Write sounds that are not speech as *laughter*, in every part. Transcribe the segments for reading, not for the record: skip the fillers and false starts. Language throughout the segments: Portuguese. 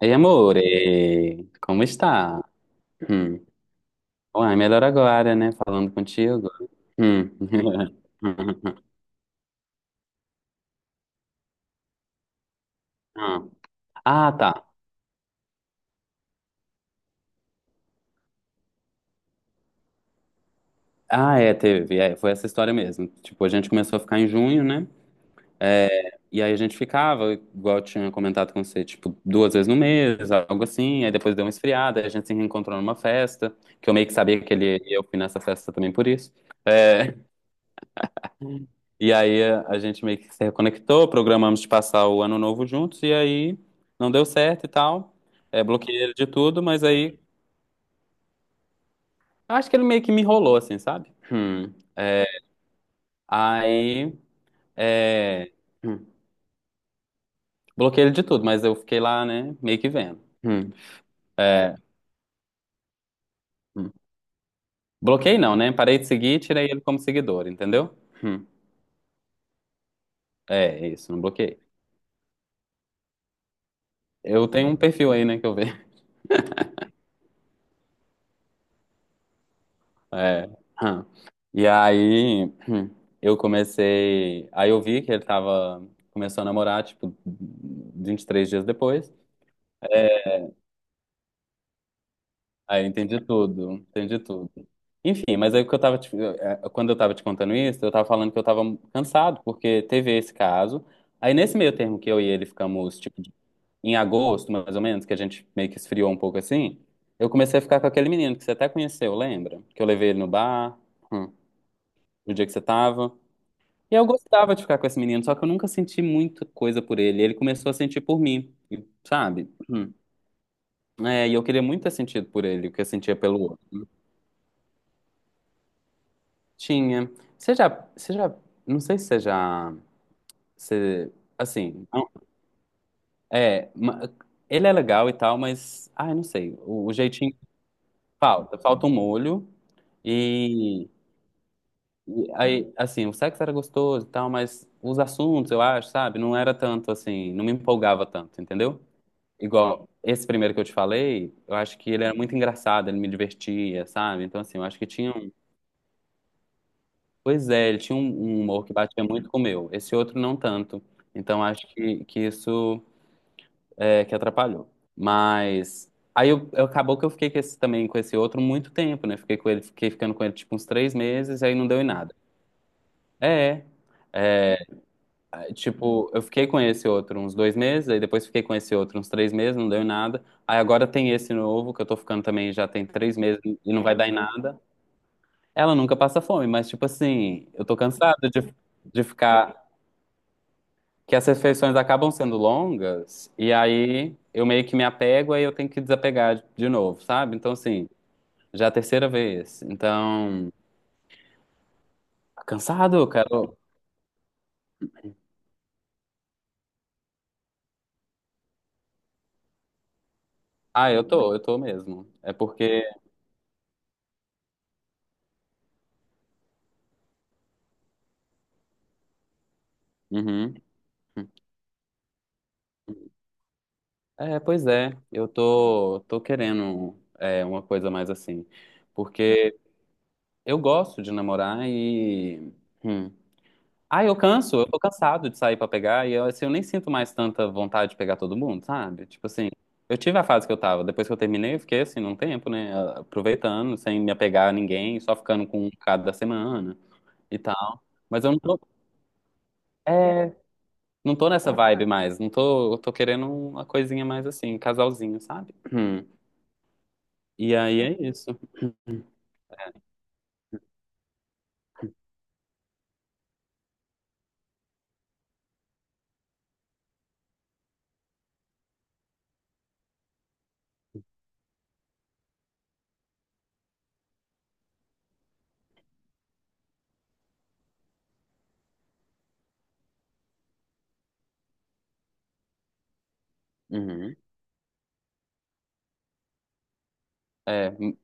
Ei, amore, como está? Hum. Uai, melhor agora, né? Falando contigo. Hum. *laughs* Ah, tá. Ah, é, teve. É, foi essa história mesmo. Tipo, a gente começou a ficar em junho, né? E aí a gente ficava, igual eu tinha comentado com você, tipo, duas vezes no mês, algo assim. Aí depois deu uma esfriada, aí a gente se reencontrou numa festa, que eu meio que sabia que ele e eu fui nessa festa também por isso. É, e aí a gente meio que se reconectou, programamos de passar o ano novo juntos, e aí não deu certo e tal. É, bloqueei ele de tudo, mas aí acho que ele meio que me enrolou, assim, sabe? Hum. Aí é, hum, bloqueei ele de tudo, mas eu fiquei lá, né, meio que vendo. Hum. É, hum. Bloqueei não, né? Parei de seguir e tirei ele como seguidor, entendeu? Hum. É, isso, não bloqueei. Eu tenho um perfil aí, né, que eu vejo. É. Hum. E aí eu comecei. Aí eu vi que ele tava. Começou a namorar, tipo, 23 dias depois. Aí eu entendi tudo, entendi tudo. Enfim, mas aí o que eu tava. Quando eu tava te contando isso, eu tava falando que eu tava cansado, porque teve esse caso. Aí nesse meio termo que eu e ele ficamos, tipo, em agosto, mais ou menos, que a gente meio que esfriou um pouco assim, eu comecei a ficar com aquele menino que você até conheceu, lembra? Que eu levei ele no bar, hum, no dia que você tava. E eu gostava de ficar com esse menino, só que eu nunca senti muita coisa por ele. Ele começou a sentir por mim, sabe? Hum. É, e eu queria muito ter sentido por ele, o que eu sentia pelo outro. Tinha. Você já, você já, não sei se você já, você, assim, é, ele é legal e tal, mas, ai, não sei, o, jeitinho falta, falta um molho e, e aí, assim, o sexo era gostoso e tal, mas os assuntos, eu acho, sabe, não era tanto assim, não me empolgava tanto, entendeu? Igual esse primeiro que eu te falei, eu acho que ele era muito engraçado, ele me divertia, sabe? Então, assim, eu acho que tinha um. Pois é, ele tinha um, humor que batia muito com o meu. Esse outro não tanto. Então, acho que isso é que atrapalhou. Mas. Aí acabou que eu fiquei com esse, também com esse outro muito tempo, né? Fiquei com ele, fiquei ficando com ele tipo uns 3 meses, aí não deu em nada. É, tipo, eu fiquei com esse outro uns 2 meses, aí depois fiquei com esse outro uns 3 meses, não deu em nada. Aí agora tem esse novo, que eu tô ficando também já tem 3 meses e não vai dar em nada. Ela nunca passa fome, mas tipo assim, eu tô cansado de, ficar. Que as refeições acabam sendo longas, e aí eu meio que me apego, aí eu tenho que desapegar de novo, sabe? Então, assim, já é a terceira vez. Então, cansado, cara. Ah, eu tô mesmo. É porque. Uhum. É, pois é, eu tô querendo é, uma coisa mais assim, porque eu gosto de namorar e... hum. Ah, eu canso, eu tô cansado de sair pra pegar e eu, assim, eu nem sinto mais tanta vontade de pegar todo mundo, sabe? Tipo assim, eu tive a fase que eu tava, depois que eu terminei eu fiquei assim, num tempo, né, aproveitando, sem me apegar a ninguém, só ficando com um cada semana e tal, mas eu não tô, é, não tô nessa vibe mais, não tô, eu tô querendo uma coisinha mais assim, um casalzinho, sabe? Hum. E aí é isso. Uhum. É,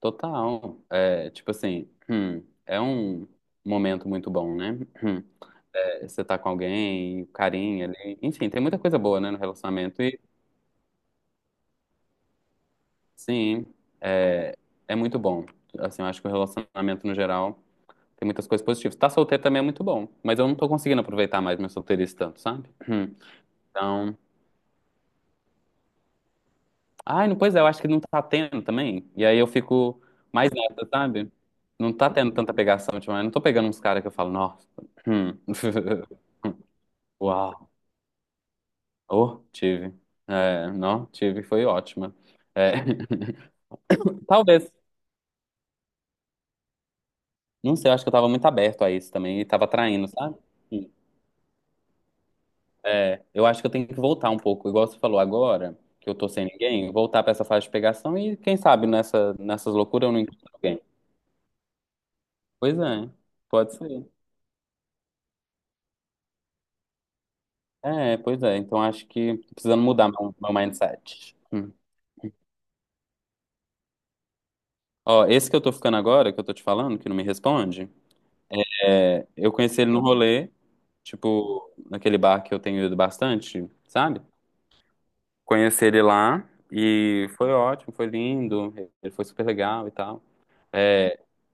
total. É, tipo assim, é um momento muito bom, né? Hum. É, você tá com alguém, carinho ali. Enfim, tem muita coisa boa, né, no relacionamento. E sim, é, é muito bom. Assim, eu acho que o relacionamento no geral tem muitas coisas positivas. Tá solteiro também é muito bom, mas eu não tô conseguindo aproveitar mais meu solteirice tanto, sabe? Hum. Então. Ai, não, pois é, eu acho que não tá tendo também. E aí eu fico mais nessa, sabe? Não tá tendo tanta pegação ultimamente. Não tô pegando uns caras que eu falo, nossa. hum, *laughs* Uau. Oh, tive. É, não, tive, foi ótima. É, *laughs* Talvez. Não sei, eu acho que eu tava muito aberto a isso também e tava traindo, sabe? É, eu acho que eu tenho que voltar um pouco, igual você falou agora, que eu tô sem ninguém, voltar pra essa fase de pegação e quem sabe nessas loucuras eu não encontro alguém. Pois é, pode ser. É, pois é. Então acho que tô precisando mudar meu mindset. Hum. Ó, esse que eu tô ficando agora, que eu tô te falando, que não me responde, é, eu conheci ele no rolê, tipo, naquele bar que eu tenho ido bastante, sabe? Conheci ele lá e foi ótimo, foi lindo, ele foi super legal e tal.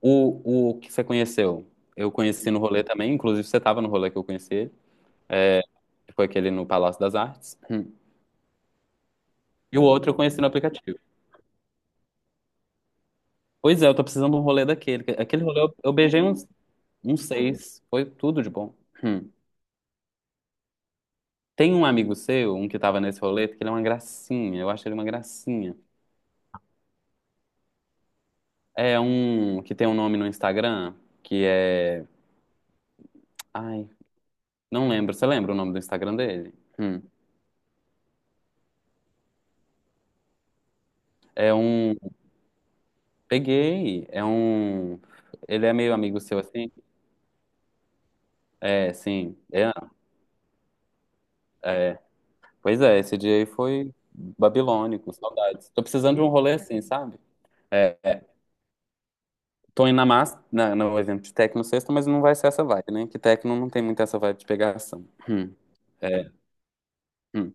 O que você conheceu? Eu conheci no rolê também, inclusive você tava no rolê que eu conheci ele, que foi aquele no Palácio das Artes. Hum. E o outro eu conheci no aplicativo. Pois é, eu tô precisando de um rolê daquele. Aquele rolê eu beijei uns um seis. Foi tudo de bom. Hum. Tem um amigo seu, um que tava nesse rolê, que ele é uma gracinha. Eu acho ele uma gracinha. É um que tem um nome no Instagram, que é. Ai, não lembro. Você lembra o nome do Instagram dele? Hum. É um. Peguei. É um. Ele é meio amigo seu assim? É, sim. É, é. Pois é, esse dia aí foi babilônico, saudades. Tô precisando de um rolê assim, sabe? É. Tô indo na massa, no evento de techno sexta, mas não vai ser essa vibe, né? Que techno não tem muito essa vibe de pegação. É, hum,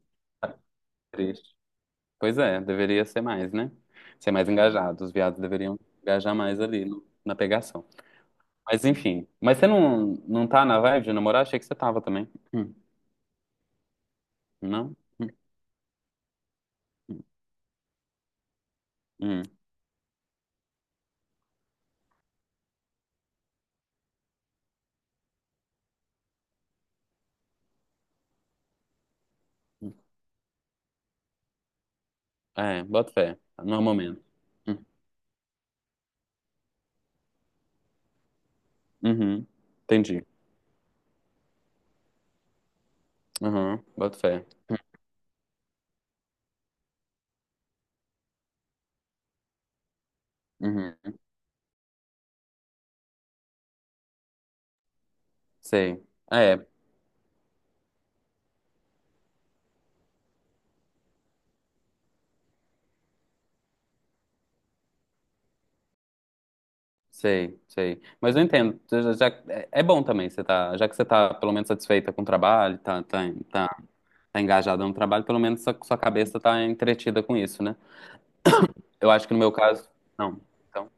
triste. Pois é, deveria ser mais, né? Ser mais engajado. Os viados deveriam engajar mais ali na pegação. Mas enfim. Mas você não, não tá na vibe de namorar? Achei que você tava também. Não? Hum, hum. É, bota fé. Não é o momento. Hum, uhum. Entendi. Uhum, boto fé. Uhum. Sei. É, sei, sei. Mas eu entendo. É bom também você tá, já que você tá pelo menos satisfeita com o trabalho, tá, tá engajada no trabalho, pelo menos sua cabeça tá entretida com isso, né? Eu acho que no meu caso, não. Então,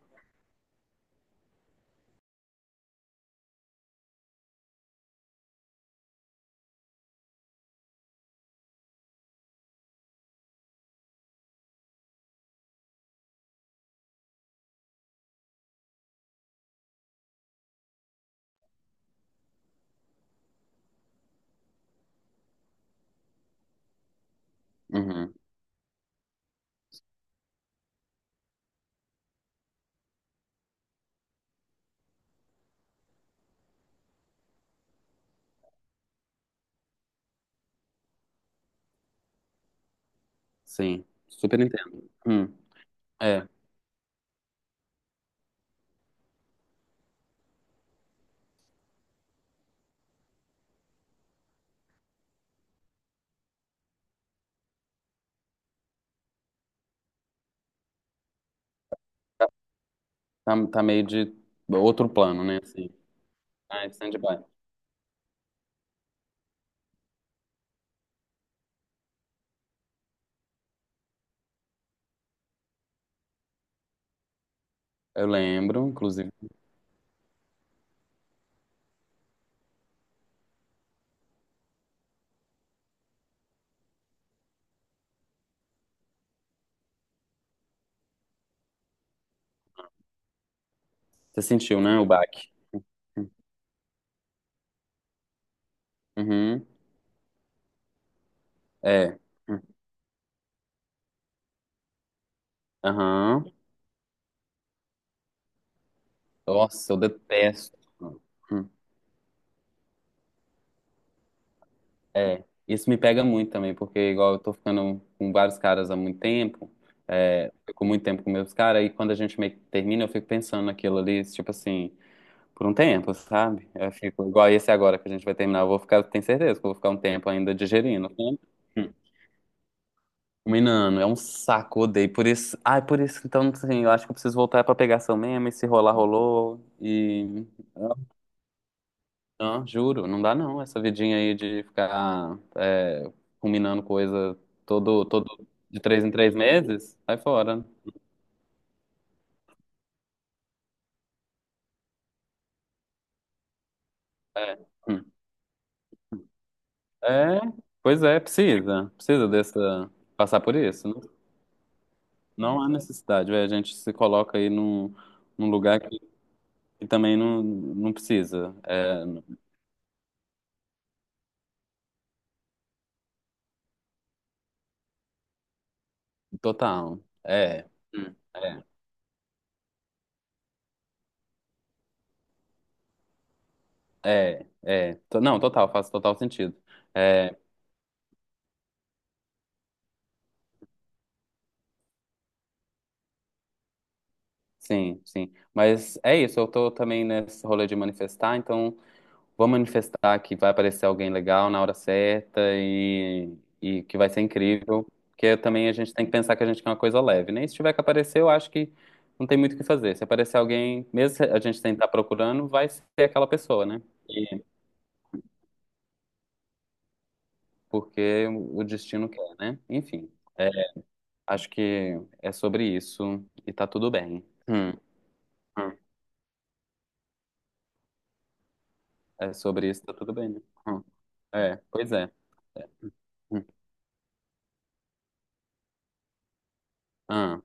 uhum, sim, super entendo. É, tá meio de outro plano, né? Assim, ah, é stand-by. Eu lembro, inclusive. Você sentiu, né, o baque? Uhum, é. Uhum. Aham. Nossa, eu detesto. Hum. É, isso me pega muito também, porque igual eu tô ficando com vários caras há muito tempo, é, fico muito tempo com meus caras, e quando a gente meio que termina, eu fico pensando naquilo ali, tipo assim, por um tempo, sabe? Eu fico igual esse agora que a gente vai terminar, eu vou ficar, tenho certeza que eu vou ficar um tempo ainda digerindo, né? Hum. Menino, é um saco, odeio. Por isso, ai, por isso, então, assim, eu acho que eu preciso voltar pra pegação mesmo, e se rolar, rolou, e... Não, juro, não dá não. Essa vidinha aí de ficar é, combinando coisa todo de 3 em 3 meses, sai fora. É. Hum. É, pois é, precisa. Precisa dessa. Passar por isso. Não, não há necessidade, velho. A gente se coloca aí num lugar que também não, não precisa. É, total. É. É, é, é. Não, total, faz total sentido. É, sim, sim. Mas é isso, eu tô também nesse rolê de manifestar, então vou manifestar que vai aparecer alguém legal na hora certa e que vai ser incrível. Porque também a gente tem que pensar que a gente quer uma coisa leve, né? E se tiver que aparecer, eu acho que não tem muito o que fazer. Se aparecer alguém, mesmo se a gente tentar procurando, vai ser aquela pessoa, né? E- porque o destino quer, né? Enfim, é, acho que é sobre isso e tá tudo bem. Hum. É sobre isso, tá tudo bem, né? Hum. É, pois é. É. Hum. Ah,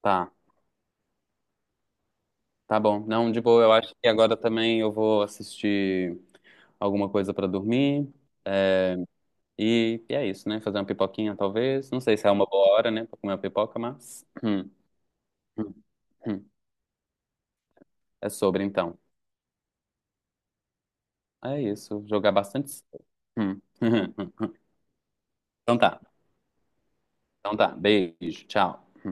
tá. Tá bom. Não, de boa, eu acho que agora também eu vou assistir alguma coisa pra dormir. eh, e é isso, né? Fazer uma pipoquinha, talvez. Não sei se é uma boa hora, né, pra comer uma pipoca, mas. Hum. Hum. Hum. É sobre, então. É isso. Jogar bastante. Hum. *laughs* Então tá. Então tá. Beijo. Tchau.